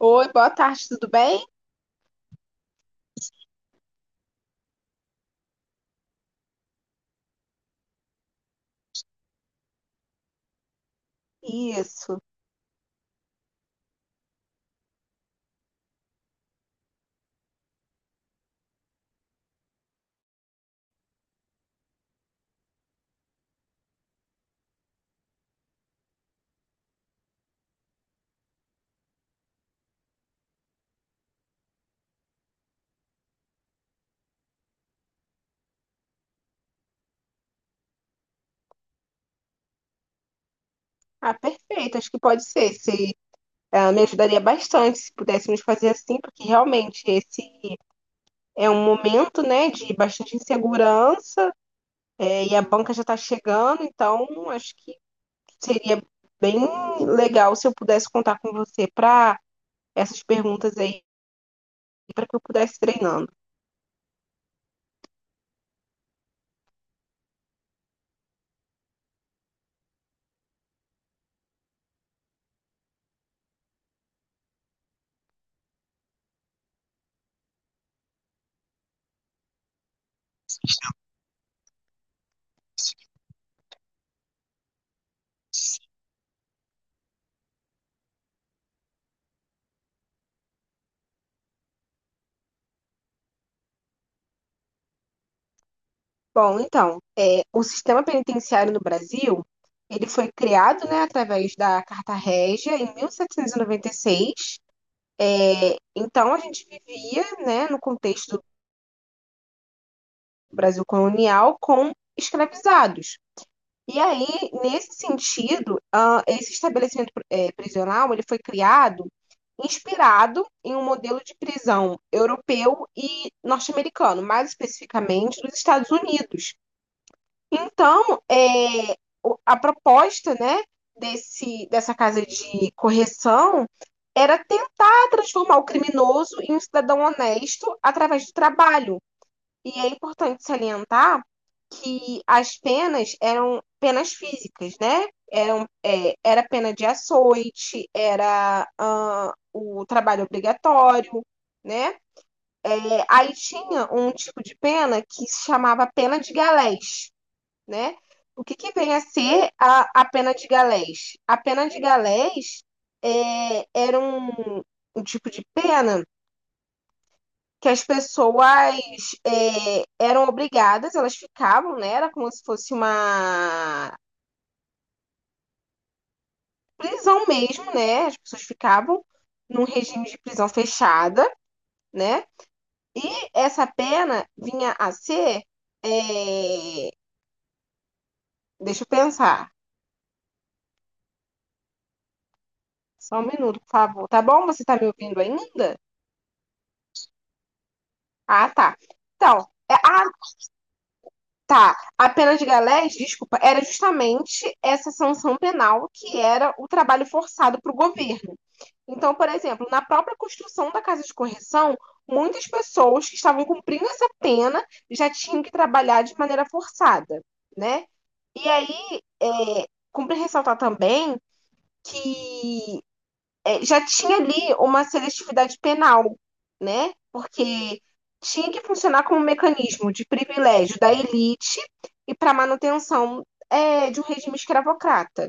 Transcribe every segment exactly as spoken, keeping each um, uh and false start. Oi, boa tarde, tudo bem? Isso. Ah, perfeito, acho que pode ser. Se, ah, Me ajudaria bastante se pudéssemos fazer assim, porque realmente esse é um momento, né, de bastante insegurança, eh, e a banca já está chegando, então acho que seria bem legal se eu pudesse contar com você para essas perguntas aí, para que eu pudesse treinando. Bom, então, é, o sistema penitenciário no Brasil, ele foi criado, né, através da Carta Régia em mil setecentos e noventa e seis. Então, a gente vivia, né, no contexto do Brasil colonial com escravizados. E aí, nesse sentido, ah, esse estabelecimento eh, prisional ele foi criado inspirado em um modelo de prisão europeu e norte-americano, mais especificamente dos Estados Unidos. Então, é, o- a proposta, né, desse, dessa casa de correção era tentar transformar o criminoso em um cidadão honesto através do trabalho. E é importante salientar que as penas eram penas físicas, né? Eram, é, era pena de açoite, era, ah, o trabalho obrigatório, né? É, aí tinha um tipo de pena que se chamava pena de galés, né? O que, que vem a ser a, a pena de galés? A pena de galés é, era um, um tipo de pena que as pessoas é, eram obrigadas, elas ficavam, né? Era como se fosse uma prisão mesmo, né? As pessoas ficavam num regime de prisão fechada, né? E essa pena vinha a ser. é, Deixa eu pensar. Só um minuto, por favor. Tá bom? Você tá me ouvindo ainda? Ah, tá. Então, é- ah, tá. A pena de galés, desculpa, era justamente essa sanção penal que era o trabalho forçado para o governo. Então, por exemplo, na própria construção da casa de correção, muitas pessoas que estavam cumprindo essa pena já tinham que trabalhar de maneira forçada, né? E aí, é, cumpre ressaltar também que é, já tinha ali uma seletividade penal, né? Porque tinha que funcionar como um mecanismo de privilégio da elite e para manutenção, é, de um regime escravocrata.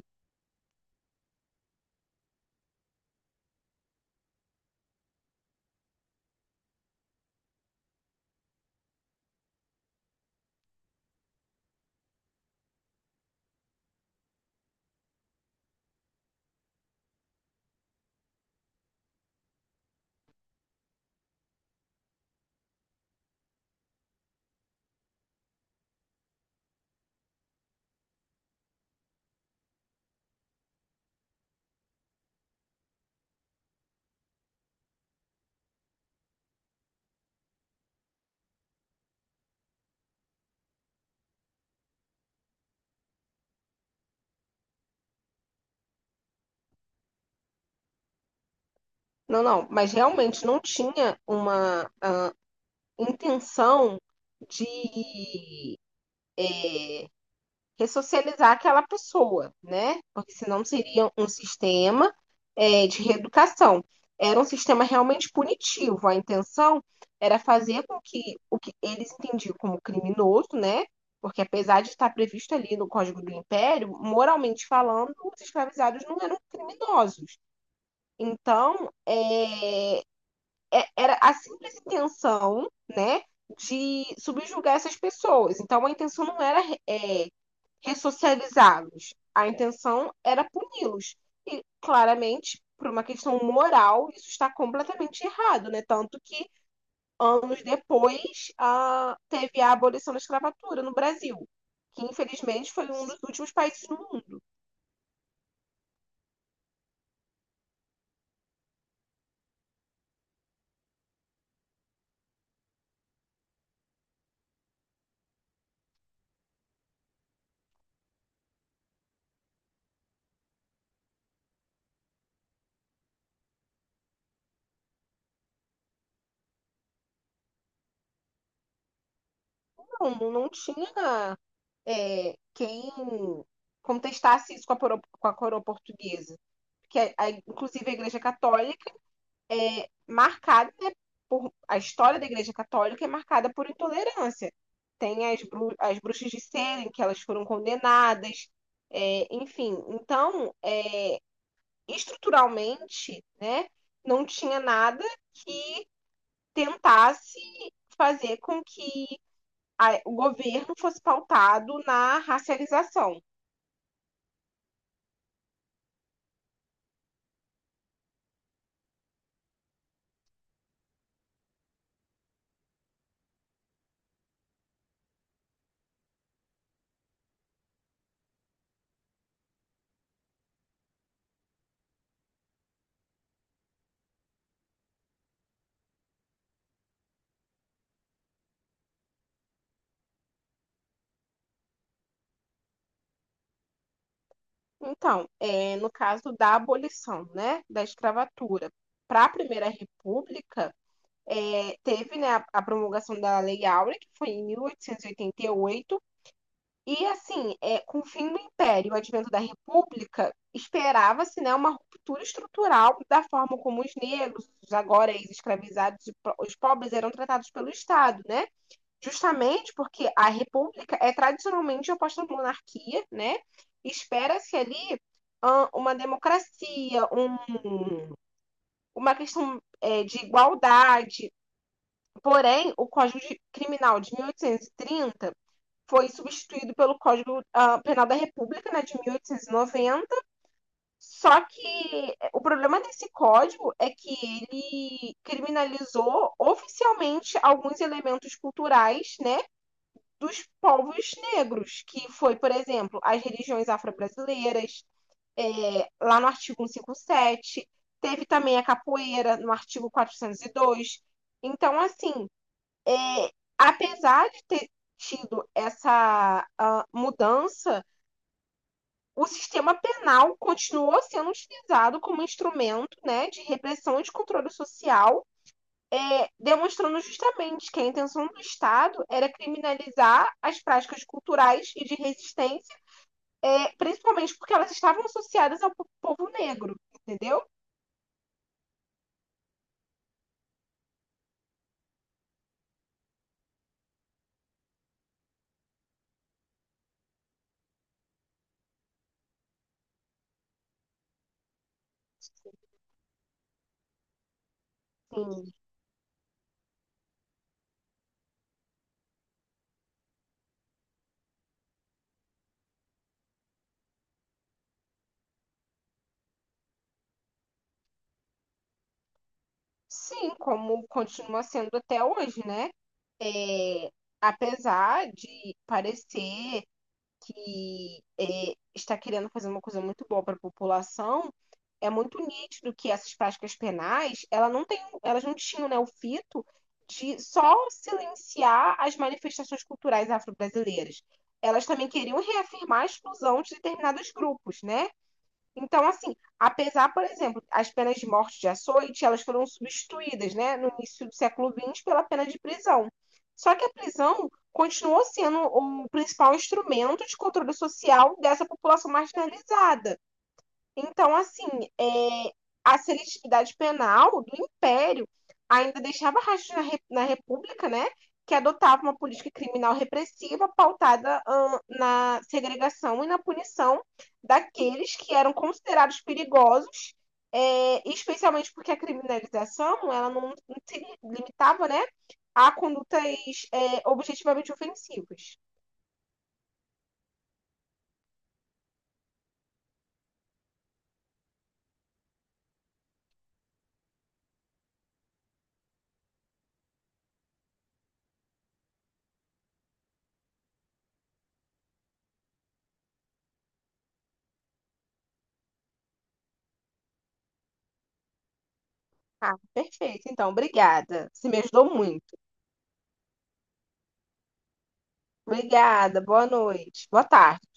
Não, não, mas realmente não tinha uma ah, intenção de ressocializar aquela pessoa, né? Porque senão seria um sistema, é, de reeducação. Era um sistema realmente punitivo. A intenção era fazer com que o que eles entendiam como criminoso, né? Porque apesar de estar previsto ali no Código do Império, moralmente falando, os escravizados não eram criminosos. Então, é, é- era a simples intenção, né, de subjugar essas pessoas. Então, a intenção não era, é, ressocializá-los, a intenção era puni-los. E, claramente, por uma questão moral, isso está completamente errado, né? Tanto que, anos depois, ah, teve a abolição da escravatura no Brasil, que, infelizmente, foi um dos últimos países do mundo. Não, não tinha é, quem contestasse isso com a coroa, com a coroa portuguesa. Que é, a- inclusive a Igreja Católica é marcada, né, por a história da Igreja Católica é marcada por intolerância. Tem as, bru- as bruxas de Salem que elas foram condenadas, é, enfim. Então, é, estruturalmente, né, não tinha nada que tentasse fazer com que a- o governo fosse pautado na racialização. Então, é, no caso da abolição, né, da escravatura, para a Primeira República, é, teve, né, a, a promulgação da Lei Áurea, que foi em mil oitocentos e oitenta e oito, e oitenta e oito, e assim, é, com o fim do Império e o advento da República, esperava-se, né, uma ruptura estrutural da forma como os negros, os agora ex-escravizados, e po- os pobres eram tratados pelo Estado, né? Justamente porque a república é tradicionalmente oposta à monarquia, né? Espera-se ali, ah, uma democracia, um- uma questão, eh, de igualdade. Porém, o Código de- Criminal de mil oitocentos e trinta foi substituído pelo Código, ah, Penal da República, né, de mil oitocentos e noventa. Só que é, o problema desse código é que ele criminalizou oficialmente alguns elementos culturais, né, dos povos negros, que foi, por exemplo, as religiões afro-brasileiras, é, lá no artigo cento e cinquenta e sete, teve também a capoeira no artigo quatrocentos e dois. Então, assim, é, apesar de ter tido essa uh, mudança, o sistema penal continuou sendo utilizado como instrumento, né, de repressão e de controle social, é, demonstrando justamente que a intenção do Estado era criminalizar as práticas culturais e de resistência, é, principalmente porque elas estavam associadas ao povo negro, entendeu? Sim. Sim, como continua sendo até hoje, né? É, apesar de parecer que é, está querendo fazer uma coisa muito boa para a população, é muito nítido que essas práticas penais, ela não tem, elas não tinham, né, o fito de só silenciar as manifestações culturais afro-brasileiras. Elas também queriam reafirmar a exclusão de determinados grupos, né? Então, assim, apesar, por exemplo, as penas de morte de açoite, elas foram substituídas, né, no início do século vinte pela pena de prisão. Só que a prisão continuou sendo o principal instrumento de controle social dessa população marginalizada. Então, assim, é, a seletividade penal do Império ainda deixava rastros na, re- na República, né? Que adotava uma política criminal repressiva pautada, ah, na segregação e na punição daqueles que eram considerados perigosos, é, especialmente porque a criminalização, ela não, não se limitava, né, a condutas, é, objetivamente ofensivas. Ah, perfeito. Então, obrigada. Você me ajudou muito. Obrigada. Boa noite. Boa tarde.